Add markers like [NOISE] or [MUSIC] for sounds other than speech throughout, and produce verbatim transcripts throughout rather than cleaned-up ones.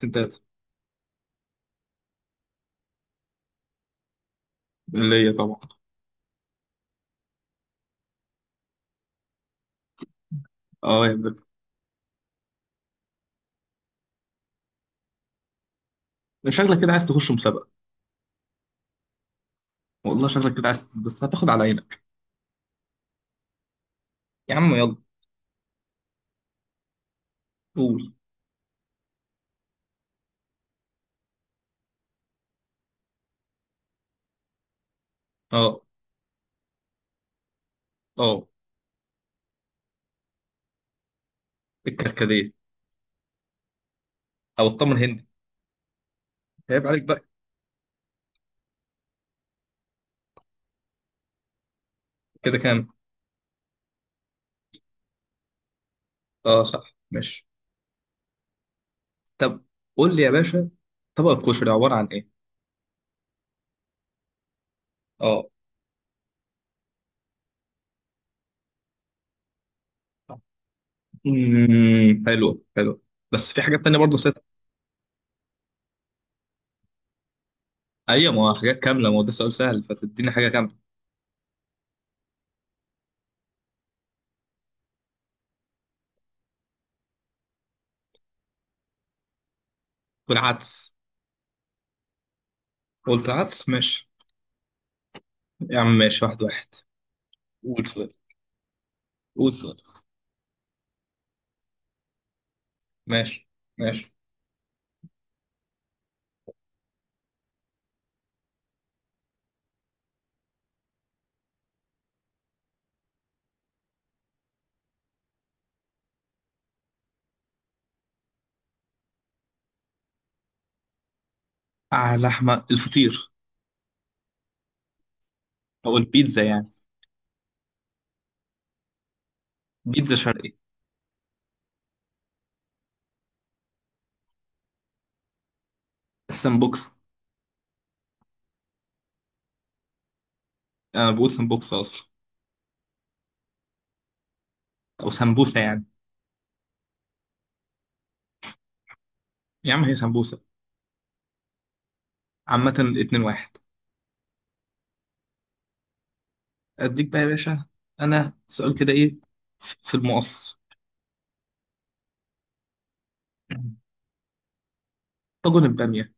ستات. اللي هي طبعا. اه يا بنت. شكلك كده عايز تخش مسابقة. والله شكلك كده عايز بس هتاخد على عينك. يا عم يلا. قول. اه. اه الكركديه او الطمر هندي. عيب عليك بقى. كده كام. اه صح ماشي. طب قول لي يا باشا، طبق الكشري عبارة عن ايه. اه. امم حلو حلو. بس في حاجات تانية برضه ست. ايوه، ما هو حاجات كاملة، ما هو ده سؤال سهل فتديني حاجة كاملة. والعدس. قلت العدس ماشي. يا عم ماشي، واحد واحد. قول سؤال. قول سؤال. ماشي. ماشي. آه لحمة الفطير. أو البيتزا يعني. بيتزا شرقي. السمبوكسة. أنا بقول سمبوكسة أصلا. أو سمبوسة يعني. يا عم هي سمبوسة. عامة الاتنين واحد. أديك بقى يا باشا. أنا سؤال كده إيه؟ في في المقص. [CLEARS THROAT] طاجن البامية.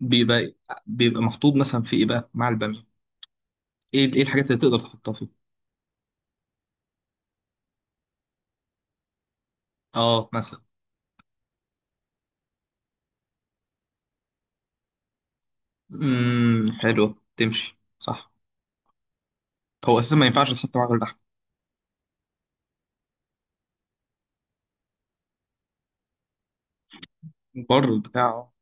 بيبقى بيبقى محطوط مثلا في إيه بقى مع البامية؟ إيه إيه الحاجات اللي تقدر تحطها فيه؟ آه مثلا. امم حلوة تمشي صح. هو أساسا ما ينفعش تحط معاه اللحمة. بره البتاع أه.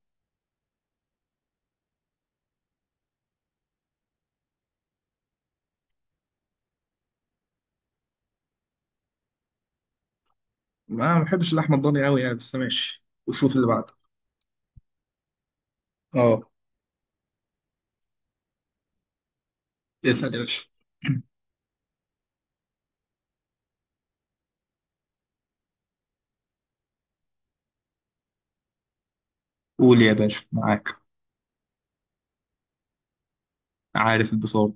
أنا ما بحبش اللحمة الضاني أوي يعني، بس ماشي وشوف اللي بعده. اه. اسأل يا باشا. قول يا باشا معاك. عارف البصارة.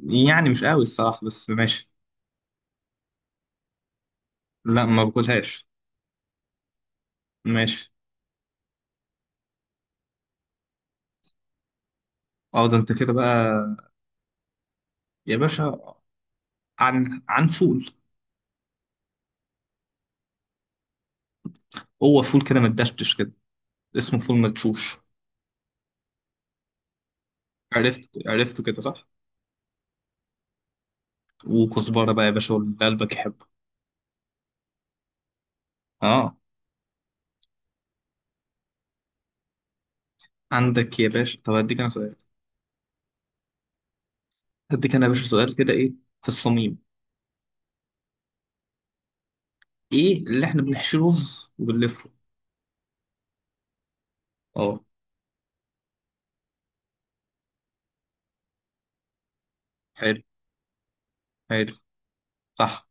يعني مش قوي الصراحة، بس ماشي. لا ما باكلهاش. ماشي. اه ده انت كده بقى يا باشا. عن عن فول. هو فول كده متدشتش كده، اسمه فول مدشوش. عرفت عرفته كده صح. وكزبرة بقى يا باشا واللي قلبك يحبه. اه. عندك يا باشا. طب هديك انا سؤال. هديك انا يا باشا سؤال كده ايه، في الصميم. ايه اللي احنا بنحشي رز وبنلفه؟ اه. حلو. حلو. صح.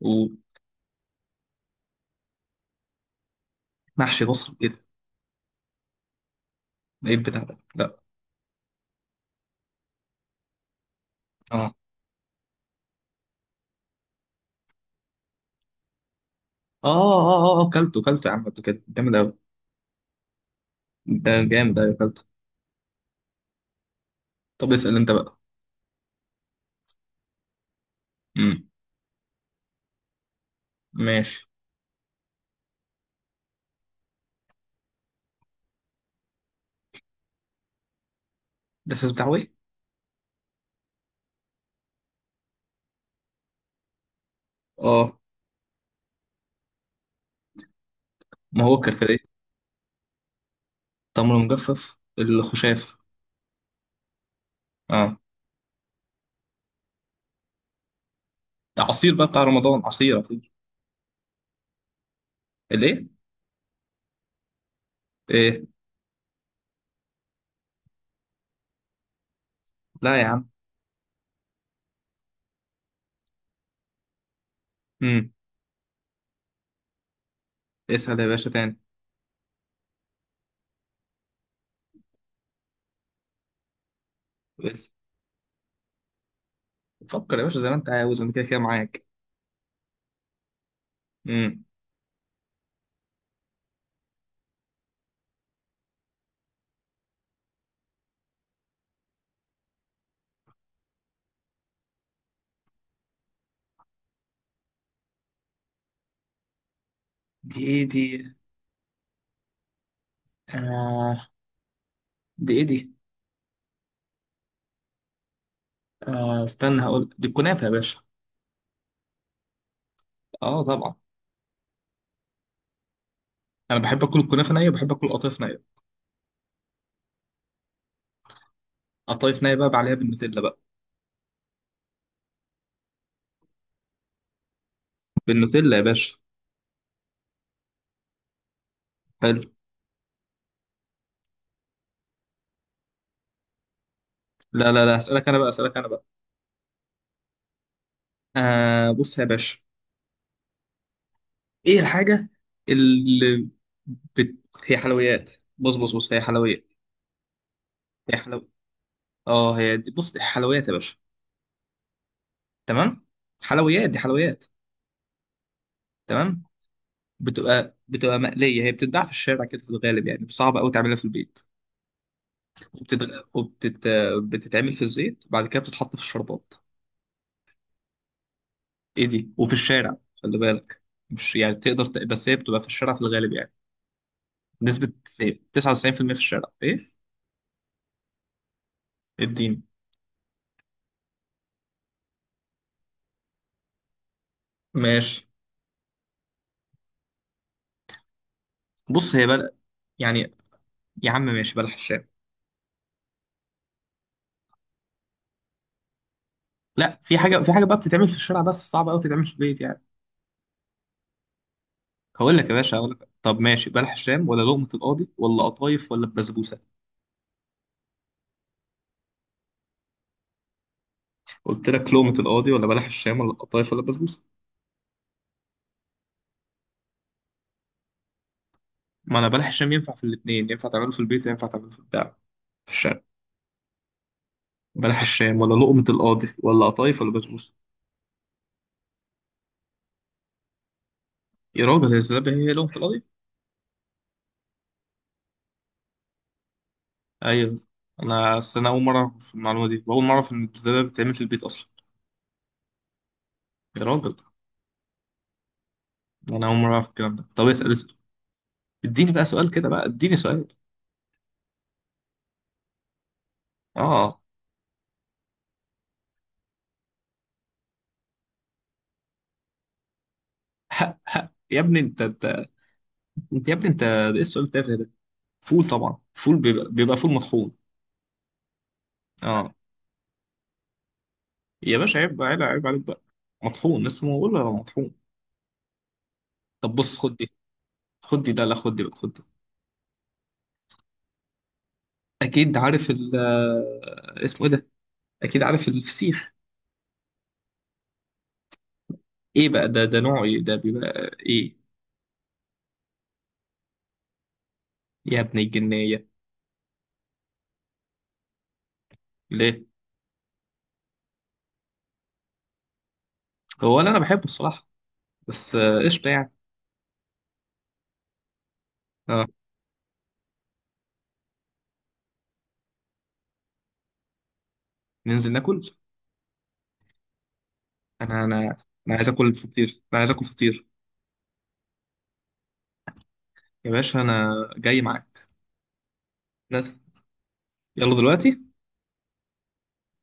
ومحشي بصل كده. ايه البتاع ده، لا. اه. اه. اه. اه. آه، كلته كلته يا عم قبل كده، جامد قوي. ده جامد، ايوه كلته. طب اسال انت بقى. امم ماشي. ده اساس بتاع ايه؟ اه. ما هو الكرفديه. تمر مجفف، الخشاف. اه. ده عصير بقى بتاع رمضان، عصير عصير. الايه؟ ايه إيه؟ لا يا عم. امم اسال يا باشا تاني. اسال. فكر يا باشا زي ما انت عاوز، انا كده كده معاك. امم دي ايه دي؟ آه دي ايه دي؟ آه استنى، هقول دي الكنافه يا باشا. اه طبعا. انا بحب اكل الكنافه نيه، وبحب اكل القطايف نيه. قطايف نايبه عليها بالنوتيلا بقى. بالنوتيلا يا باشا. حلو. لا لا لا هسألك انا بقى، هسألك انا بقى. آه بص يا باشا. ايه الحاجة اللي بت... هي حلويات. بص بص بص هي حلويات. هي حلو. اه هي دي، بص دي حلويات يا باشا. تمام. حلويات، دي حلويات. تمام. بتبقى بتبقى مقلية، هي بتتباع في الشارع كده في الغالب، يعني صعب قوي تعملها في البيت. وبتتغ... وبتت... بتتعمل في الزيت وبعد كده بتتحط في الشربات. ايه دي؟ وفي الشارع خلي بالك. مش يعني تقدر ت... بس هي بتبقى في الشارع في الغالب يعني. نسبة تسعة وتسعين بالمية في المية، في الشارع ايه. اديني. ماشي. بص هي بل... يعني، يا عم ماشي بلح الشارع. لا في حاجة، في حاجة بقى بتتعمل في الشارع بس صعبة قوي تتعمل في البيت يعني. هقول لك يا باشا، هقول لك طب ماشي بلح الشام ولا لقمة القاضي ولا قطايف ولا البسبوسة. قلت لك لقمة القاضي ولا بلح الشام ولا القطايف ولا البسبوسة. ما انا بلح الشام ينفع في الاثنين، ينفع تعمله في البيت وينفع تعمله في البتاع، في الشارع. بلح الشام ولا لقمة القاضي ولا قطايف ولا بسبوسة. يا راجل هي الزلابية هي لغة القضية؟ أيوة. أنا أصل أنا أول مرة أعرف المعلومة دي، وأول مرة أعرف إن الزلابية بتتعمل في البيت أصلا. يا راجل. أنا أول مرة أعرف الكلام ده. طب اسأل، اسأل. اديني بقى سؤال كده بقى، اديني سؤال. آه. حق حق يا ابني، أنت أنت أنت يا ابني أنت، ده إيه السؤال التافه ده؟ فول طبعا، فول بيبقى, بيبقى فول مطحون. آه يا باشا عيب بقى، عيب، عيب عليك بقى. مطحون، لسه ما بقول لك مطحون. طب بص خد دي. خد دي، لا لا، خد دي بقى خد دي. أكيد عارف ال آه، اسمه إيه ده؟ أكيد عارف الفسيخ. ايه بقى ده؟ ده نوعه ايه ده، بيبقى ايه؟ يا ابن الجنية. ليه؟ هو اللي انا بحبه الصراحة. بس آه، قشطة يعني. اه. ننزل ناكل. انا انا انا عايز اكل فطير، انا عايز اكل فطير. يا باشا انا جاي معاك. بس يلا دلوقتي.